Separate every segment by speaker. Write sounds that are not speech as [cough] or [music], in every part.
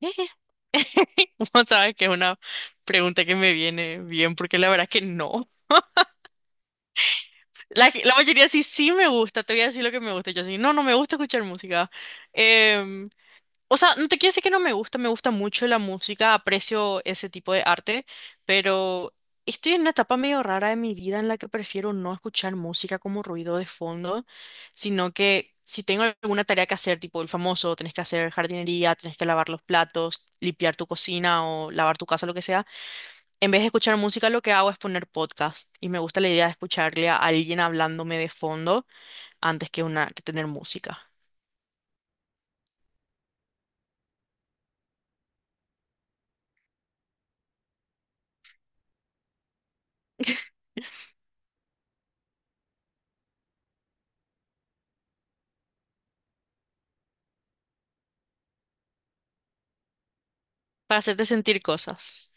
Speaker 1: [laughs] No sabes que es una pregunta que me viene bien, porque la verdad que no. La mayoría sí, sí me gusta, te voy a decir lo que me gusta. Yo sí, no, no me gusta escuchar música. Em, o sea, no te quiero decir que no me gusta, me gusta mucho la música, aprecio ese tipo de arte, pero estoy en una etapa medio rara de mi vida en la que prefiero no escuchar música como ruido de fondo, sino que si tengo alguna tarea que hacer, tipo el famoso, tenés que hacer jardinería, tenés que lavar los platos, limpiar tu cocina o lavar tu casa, lo que sea. En vez de escuchar música, lo que hago es poner podcast y me gusta la idea de escucharle a alguien hablándome de fondo antes que una que tener música para hacerte sentir cosas.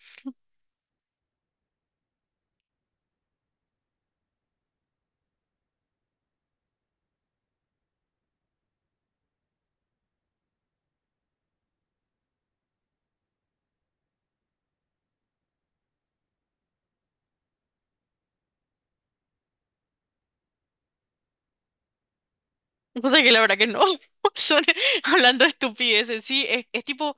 Speaker 1: [laughs] Cosa que la verdad que no. [laughs] Son [laughs] hablando estupideces. Sí, es tipo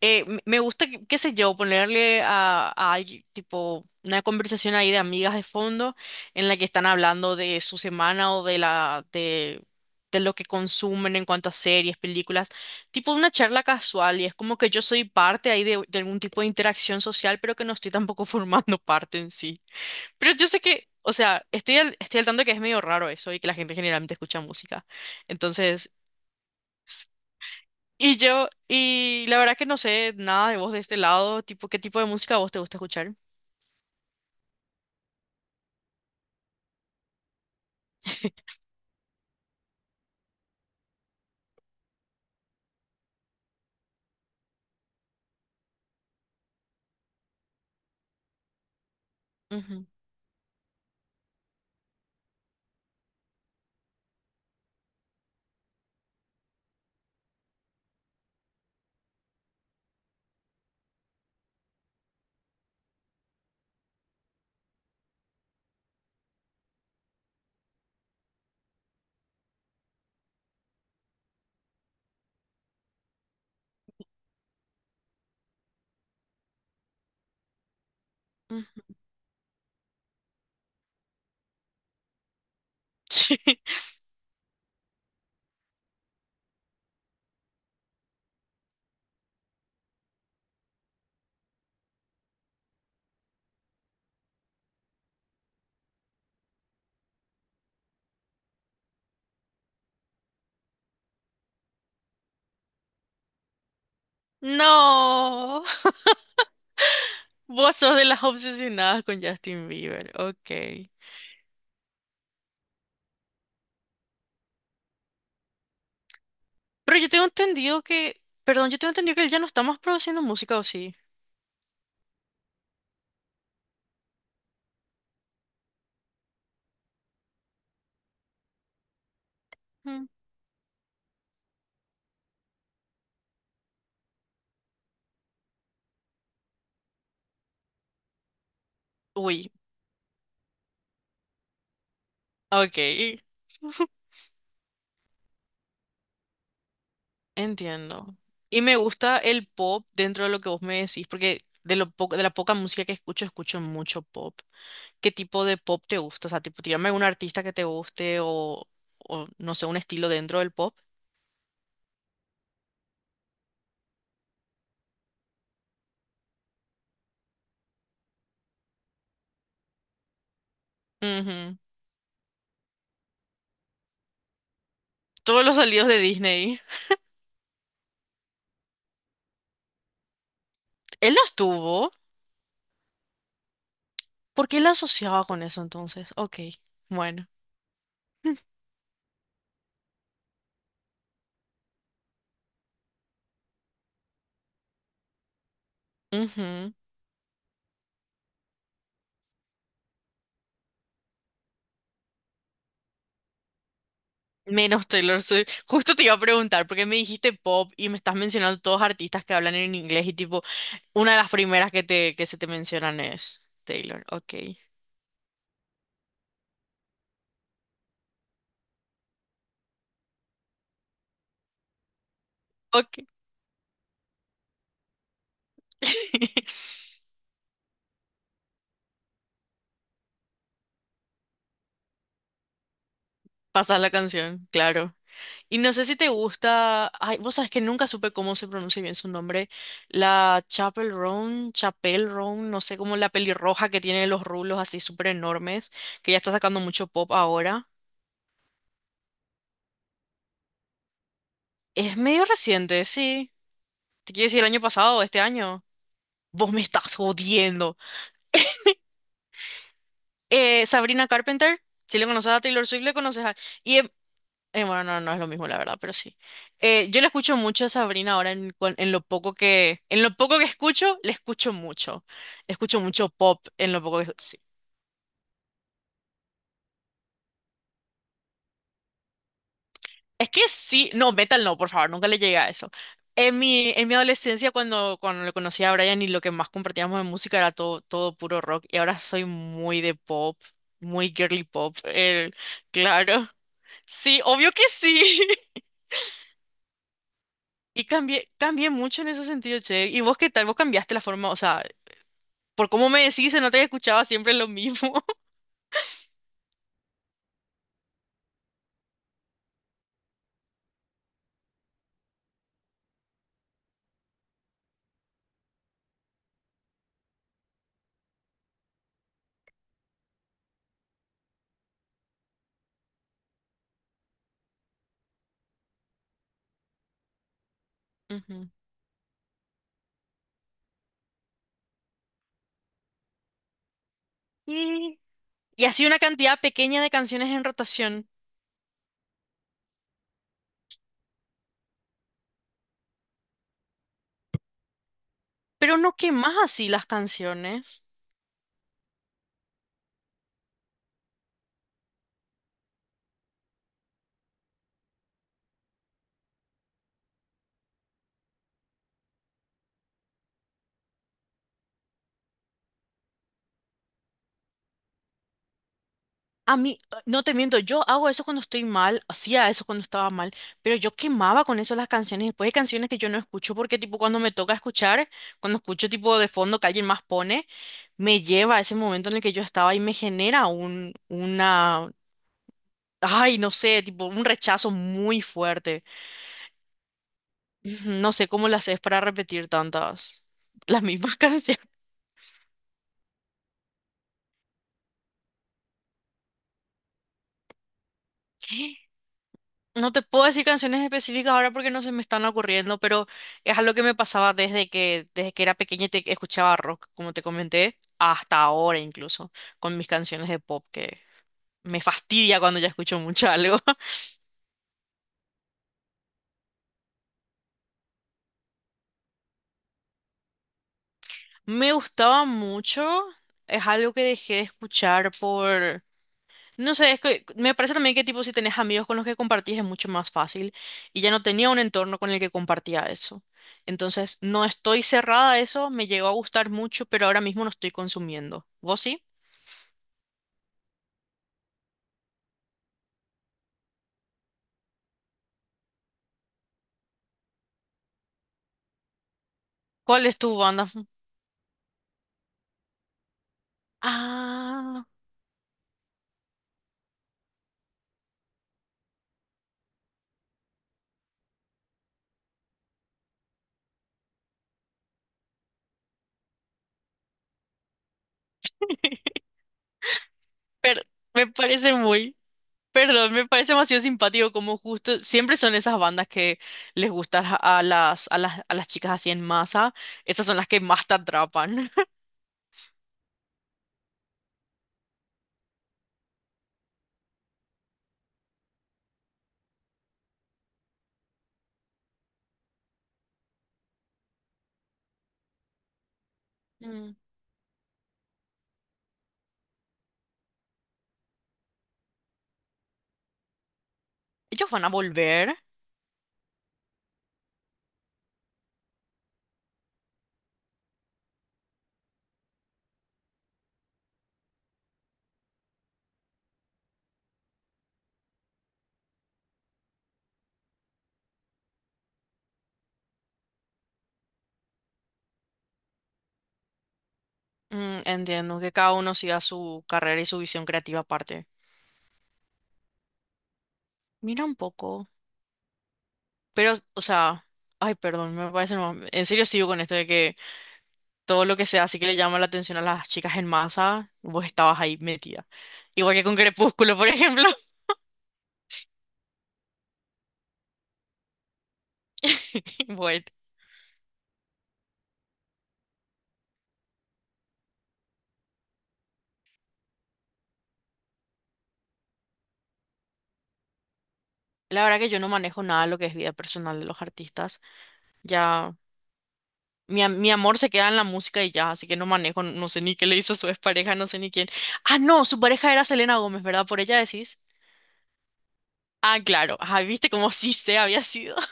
Speaker 1: me gusta, qué qué sé yo, ponerle a alguien, tipo una conversación ahí de amigas de fondo en la que están hablando de su semana o de de, lo que consumen en cuanto a series, películas, tipo una charla casual y es como que yo soy parte ahí de algún tipo de interacción social, pero que no estoy tampoco [laughs] formando parte en sí. Pero yo sé que, o sea, estoy al tanto que es medio raro eso y que la gente generalmente escucha música. Entonces... Y yo, y la verdad que no sé nada de vos de este lado, tipo, ¿qué tipo de música a vos te gusta escuchar? Ujú, ujú. [laughs] No, vos sos de las obsesionadas con Justin Bieber, ok. Pero yo tengo entendido que, perdón, yo tengo entendido que él ya no está más produciendo música, ¿o sí? Mm. Uy, ok. [laughs] Entiendo. Y me gusta el pop dentro de lo que vos me decís, porque de lo poco, de la poca música que escucho, escucho mucho pop. ¿Qué tipo de pop te gusta? O sea, tipo, tirame algún artista que te guste o no sé, un estilo dentro del pop. Ujú. Todos los salidos de Disney. Él los tuvo. ¿Por qué la asociaba con eso entonces? Ok, bueno. Ujú. Menos Taylor Swift. Justo te iba a preguntar, porque me dijiste pop y me estás mencionando todos artistas que hablan en inglés y tipo, una de las primeras que que se te mencionan es Taylor. Ok. Ok. [laughs] Pasas la canción, claro. Y no sé si te gusta. Ay, vos sabés que nunca supe cómo se pronuncia bien su nombre. La Chapel Roan, Chapel Roan, no sé cómo la pelirroja que tiene los rulos así súper enormes, que ya está sacando mucho pop ahora. Es medio reciente, sí. Te quiero decir el año pasado, este año. Vos me estás jodiendo. Sabrina Carpenter, si le conoces a Taylor Swift, le conoces a... Y, bueno, no, no es lo mismo, la verdad, pero sí. Yo le escucho mucho a Sabrina ahora en, en lo poco que... En lo poco que escucho, le escucho mucho. Le escucho mucho pop en lo poco que... Sí. Es que sí, no, metal no, por favor, nunca le llegué a eso. En mi adolescencia, cuando le conocí a Brian y lo que más compartíamos de música era todo, todo puro rock, y ahora soy muy de pop, muy girly pop, el, claro. Sí, obvio que sí. [laughs] Y cambié, cambié mucho en ese sentido, che. ¿Y vos qué tal? ¿Vos cambiaste la forma? O sea, por cómo me decís, se nota que escuchaba siempre lo mismo. [laughs] Ujú. Y Y así una cantidad pequeña de canciones en rotación. Pero no quemás así las canciones. A mí, no te miento, yo hago eso cuando estoy mal, hacía eso cuando estaba mal, pero yo quemaba con eso las canciones. Después hay canciones que yo no escucho porque tipo cuando me toca escuchar, cuando escucho tipo de fondo que alguien más pone, me lleva a ese momento en el que yo estaba y me genera una, ay, no sé, tipo un rechazo muy fuerte. Ujú, no sé cómo lo haces para repetir tantas, las mismas [laughs] canciones. No te puedo decir canciones específicas ahora porque no se me están ocurriendo, pero es algo que me pasaba desde que era pequeña y te escuchaba rock, como te comenté, hasta ahora incluso, con mis canciones de pop, que me fastidia cuando ya escucho mucho algo. [laughs] Me gustaba mucho, es algo que dejé de escuchar por no sé, es que me parece también que tipo si tenés amigos con los que compartís es mucho más fácil y ya no tenía un entorno con el que compartía eso. Entonces, no estoy cerrada a eso, me llegó a gustar mucho, pero ahora mismo no estoy consumiendo. ¿Vos sí? ¿Cuál es tu banda? Ah, pero me parece muy, perdón, me parece demasiado simpático como justo siempre son esas bandas que les gustan a las chicas así en masa, esas son las que más te atrapan. Mm. Ellos van a volver. Mm, entiendo que cada uno siga su carrera y su visión creativa aparte. Mira un poco. Pero, o sea, ay, perdón, me parece nomás- En serio sigo con esto de que todo lo que sea así que le llama la atención a las chicas en masa, vos estabas ahí metida. Igual que con Crepúsculo, por [laughs] ejemplo. Bueno, la verdad que yo no manejo nada de lo que es vida personal de los artistas. Ya, mi amor se queda en la música y ya, así que no manejo, no sé ni qué le hizo su expareja, no sé ni quién. Ah, no, su pareja era Selena Gómez, ¿verdad? Por ella decís. Ah, claro. Ah, viste como [laughs] sí se había sido. [laughs]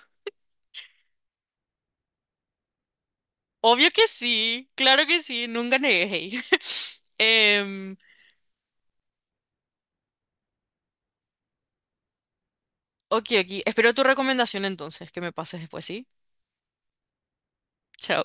Speaker 1: Obvio que sí, claro que sí, nunca negué. Hey. [laughs] Em, ok, ok. Espero tu recomendación entonces, que me pases después, ¿sí? Chao.